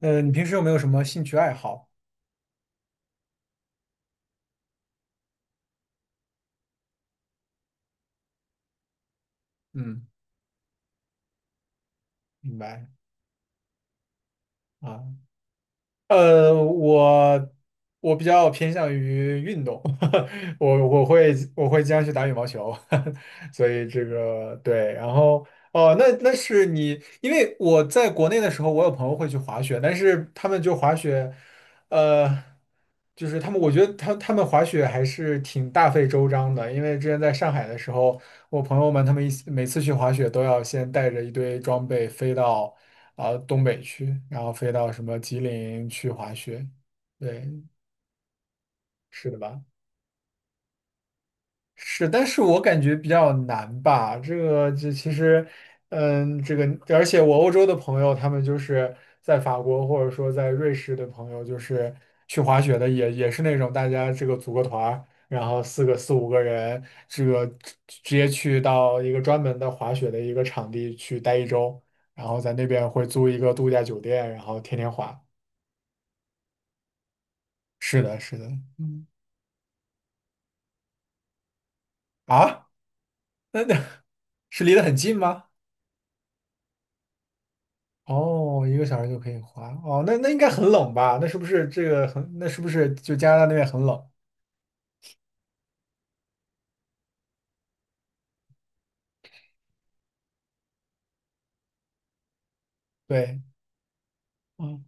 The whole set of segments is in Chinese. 你平时有没有什么兴趣爱好？嗯，明白啊。呃，我我比较偏向于运动，我会经常去打羽毛球，所以这个对。然后哦，那是你，因为我在国内的时候，我有朋友会去滑雪，但是他们就滑雪，呃，就是他们，我觉得他们滑雪还是挺大费周章的，因为之前在上海的时候。我朋友们他们一起每次去滑雪都要先带着一堆装备飞到啊、东北去，然后飞到什么吉林去滑雪。对，是的吧？是，但是我感觉比较难吧。这个，这其实，嗯，这个，而且我欧洲的朋友，他们就是在法国或者说在瑞士的朋友，就是去滑雪的也，也是那种大家这个组个团儿然后四五个人，这个直接去到一个专门的滑雪的一个场地去待一周，然后在那边会租一个度假酒店，然后天天滑。是的，是的，嗯，啊，那 是离得很近吗？哦，一个小时就可以滑。哦，那应该很冷吧？那是不是就加拿大那边很冷？对，嗯，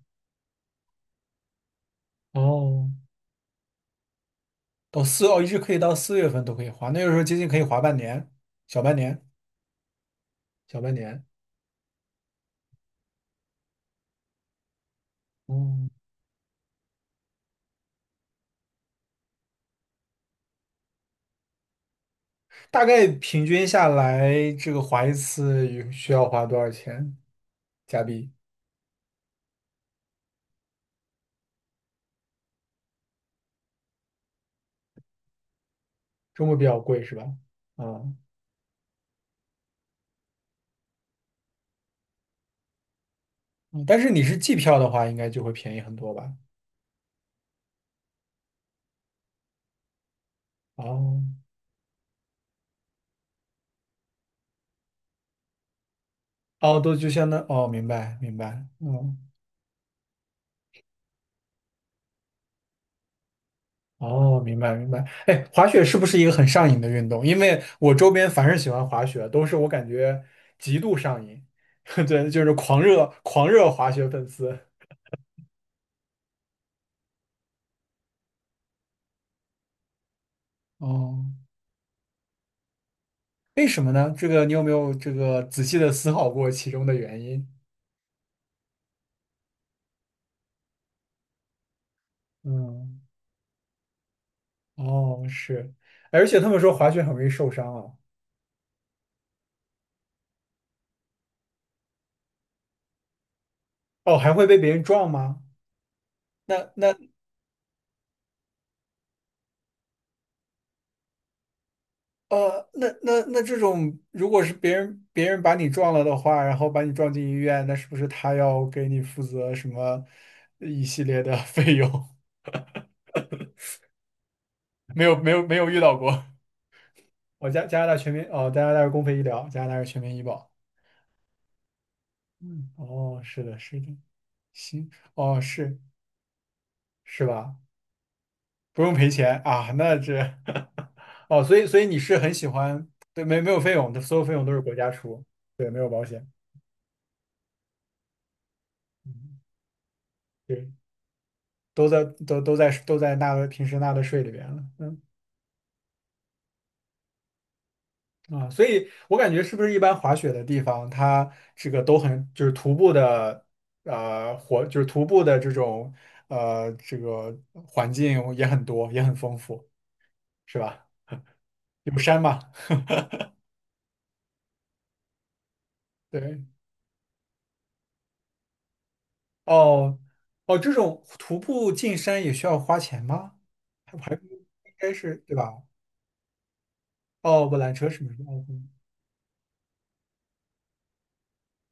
哦，到四哦，一直可以到四月份都可以滑，那个时候接近可以滑半年，小半年，小半年。嗯，大概平均下来，这个滑一次有需要花多少钱加币？中国比较贵是吧？啊、嗯，但是你是季票的话，应该就会便宜很多吧？哦，哦，都就相当，哦，明白明白，嗯。哦，明白明白。哎，滑雪是不是一个很上瘾的运动？因为我周边凡是喜欢滑雪，都是我感觉极度上瘾，对，就是狂热滑雪粉丝。哦，为什么呢？这个你有没有这个仔细的思考过其中的原因？嗯，哦，是，哎而且他们说滑雪很容易受伤啊。哦，还会被别人撞吗？那那呃，那这种，如果是别人把你撞了的话，然后把你撞进医院，那是不是他要给你负责什么呃一系列的 费用？没有遇到过。哦，加拿大全民哦，加拿大是公费医疗，加拿大是全民医保。嗯，哦，是的，是的，行，哦，是是吧？不用赔钱啊，那这 哦，所以你是很喜欢，对，没有费用的，所有费用都是国家出，对，没有保险。嗯。对。都在纳的平时纳的税里边了，嗯啊，所以我感觉是不是一般滑雪的地方，它这个都很就是徒步的就是徒步的这种呃这个环境也很多也很丰富，是吧？有山嘛，对，哦哦，这种徒步进山也需要花钱吗？还应该是对吧？哦，不，缆车是没有，哦嗯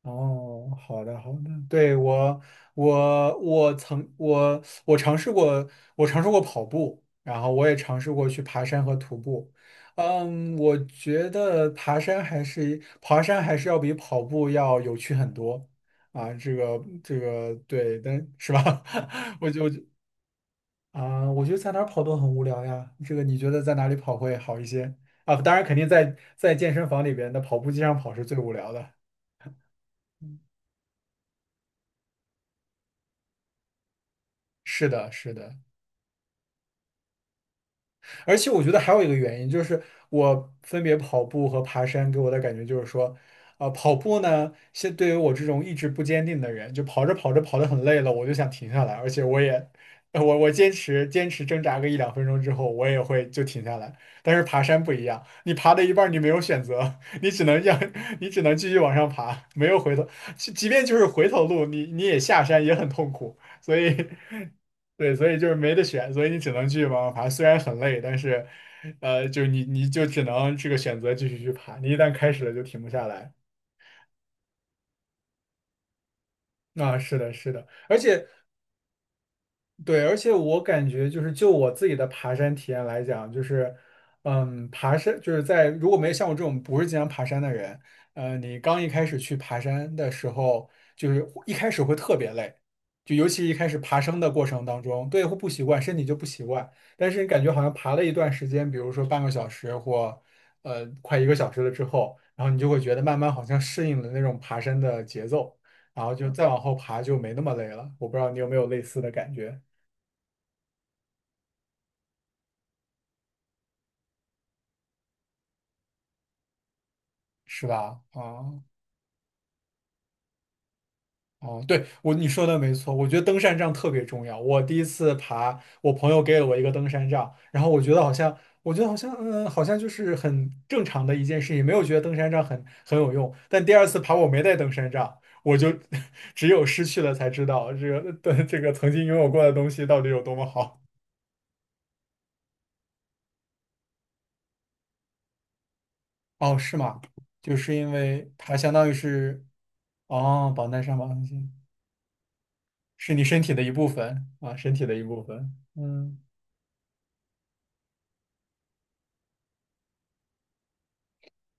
哦，好的好的，对我尝试过，我尝试过跑步，然后我也尝试过去爬山和徒步。嗯，我觉得爬山还是要比跑步要有趣很多啊，这个这个对，但是吧，我就啊，我觉得在哪儿跑都很无聊呀。这个你觉得在哪里跑会好一些啊？当然，肯定在健身房里边的跑步机上跑是最无聊的。是的，是的。而且我觉得还有一个原因，就是我分别跑步和爬山给我的感觉就是说，啊、跑步呢，现对于我这种意志不坚定的人，就跑着跑着跑得很累了，我就想停下来，而且我也，呃我坚持挣扎个一两分钟之后，我也会就停下来。但是爬山不一样，你爬到一半儿你没有选择，你只能让 你只能继续往上爬，没有回头，即便就是回头路，你也下山也很痛苦，所以 对，所以就是没得选，所以你只能继续往上爬。虽然很累，但是，呃，就你就只能这个选择继续去爬。你一旦开始了，就停不下来。啊，是的，是的，而且对，而且我感觉就是就我自己的爬山体验来讲，就是，嗯，爬山就是在如果没有像我这种不是经常爬山的人，呃，你刚一开始去爬山的时候，就是一开始会特别累，就尤其一开始爬升的过程当中，对，会不习惯，身体就不习惯，但是你感觉好像爬了一段时间，比如说半个小时或呃快一个小时了之后，然后你就会觉得慢慢好像适应了那种爬山的节奏，然后就再往后爬就没那么累了。我不知道你有没有类似的感觉。是吧？啊、哦、对，我你说的没错，我觉得登山杖特别重要。我第一次爬，我朋友给了我一个登山杖，然后我觉得好像，好像就是很正常的一件事情，没有觉得登山杖很有用。但第二次爬，我没带登山杖，我就 只有失去了才知道这个的这个曾经拥有过的东西到底有多么好。哦，是吗？就是因为它相当于是，哦，绑带上绑上去，是你身体的一部分啊，身体的一部分。嗯。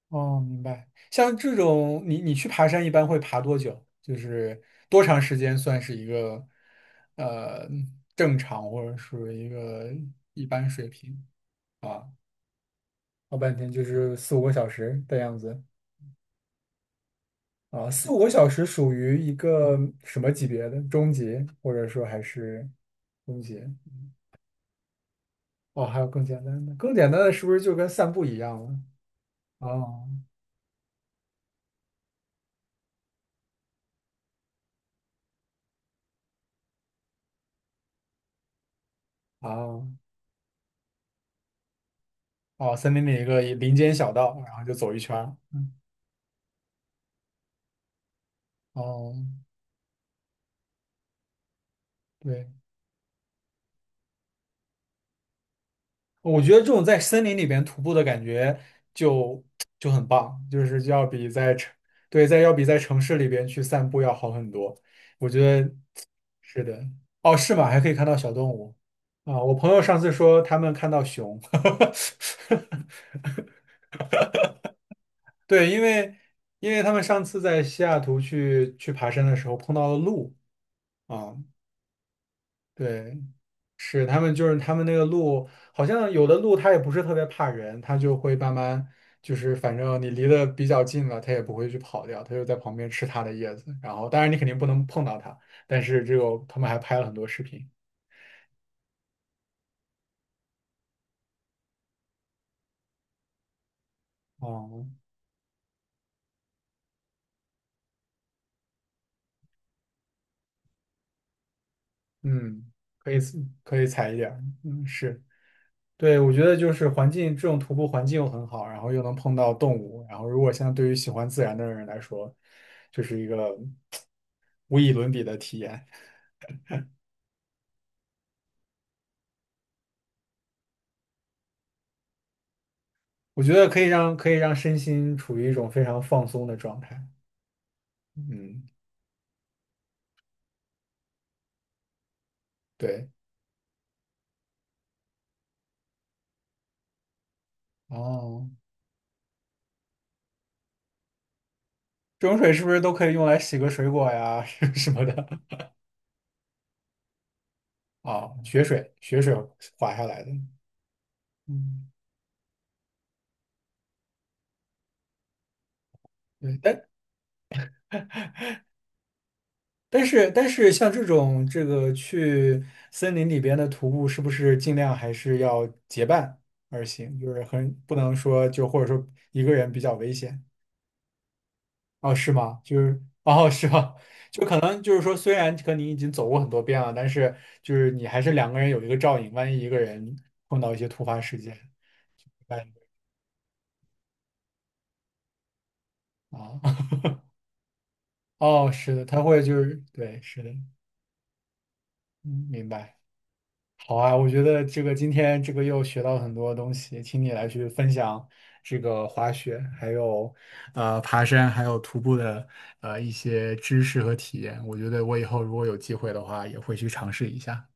哦，明白。像这种，你去爬山一般会爬多久？就是多长时间算是一个呃正常或者属于一个一般水平啊？老半天就是四五个小时的样子啊，四五个小时属于一个什么级别的？中级，或者说还是中级？哦，还有更简单的，更简单的是不是就跟散步一样了？哦哦哦，森林里一个林间小道，然后就走一圈儿。哦，对，我觉得这种在森林里边徒步的感觉就就很棒，就是要比在城，对，在要比在城市里边去散步要好很多。我觉得是的。哦，是吗？还可以看到小动物啊！我朋友上次说他们看到熊，对，因为他们上次在西雅图去爬山的时候碰到了鹿啊，对，是，他们那个鹿，好像有的鹿它也不是特别怕人，它就会慢慢就是，反正你离得比较近了，它也不会去跑掉，它就在旁边吃它的叶子。然后，当然你肯定不能碰到它，但是这个他们还拍了很多视频。哦，嗯，可以可以踩一点儿，嗯，是。对，我觉得就是环境，这种徒步环境又很好，然后又能碰到动物，然后如果像对于喜欢自然的人来说，就是一个无以伦比的体验。我觉得可以让身心处于一种非常放松的状态。嗯，对，哦，这种水是不是都可以用来洗个水果呀 什么的？啊、雪水，雪水滑下来的。嗯，对，但但是像这种这个去森林里边的徒步，是不是尽量还是要结伴而行？就是很不能说就或者说一个人比较危险。哦，是吗？就是，哦，是吗？就可能就是说，虽然和你已经走过很多遍了，但是就是你还是两个人有一个照应，万一一个人碰到一些突发事件，万一啊，哦，是的，他会就是，对，是的，嗯，明白。好啊，我觉得这个今天这个又学到很多东西，请你来去分享这个滑雪，还有呃爬山，还有徒步的呃一些知识和体验。我觉得我以后如果有机会的话，也会去尝试一下。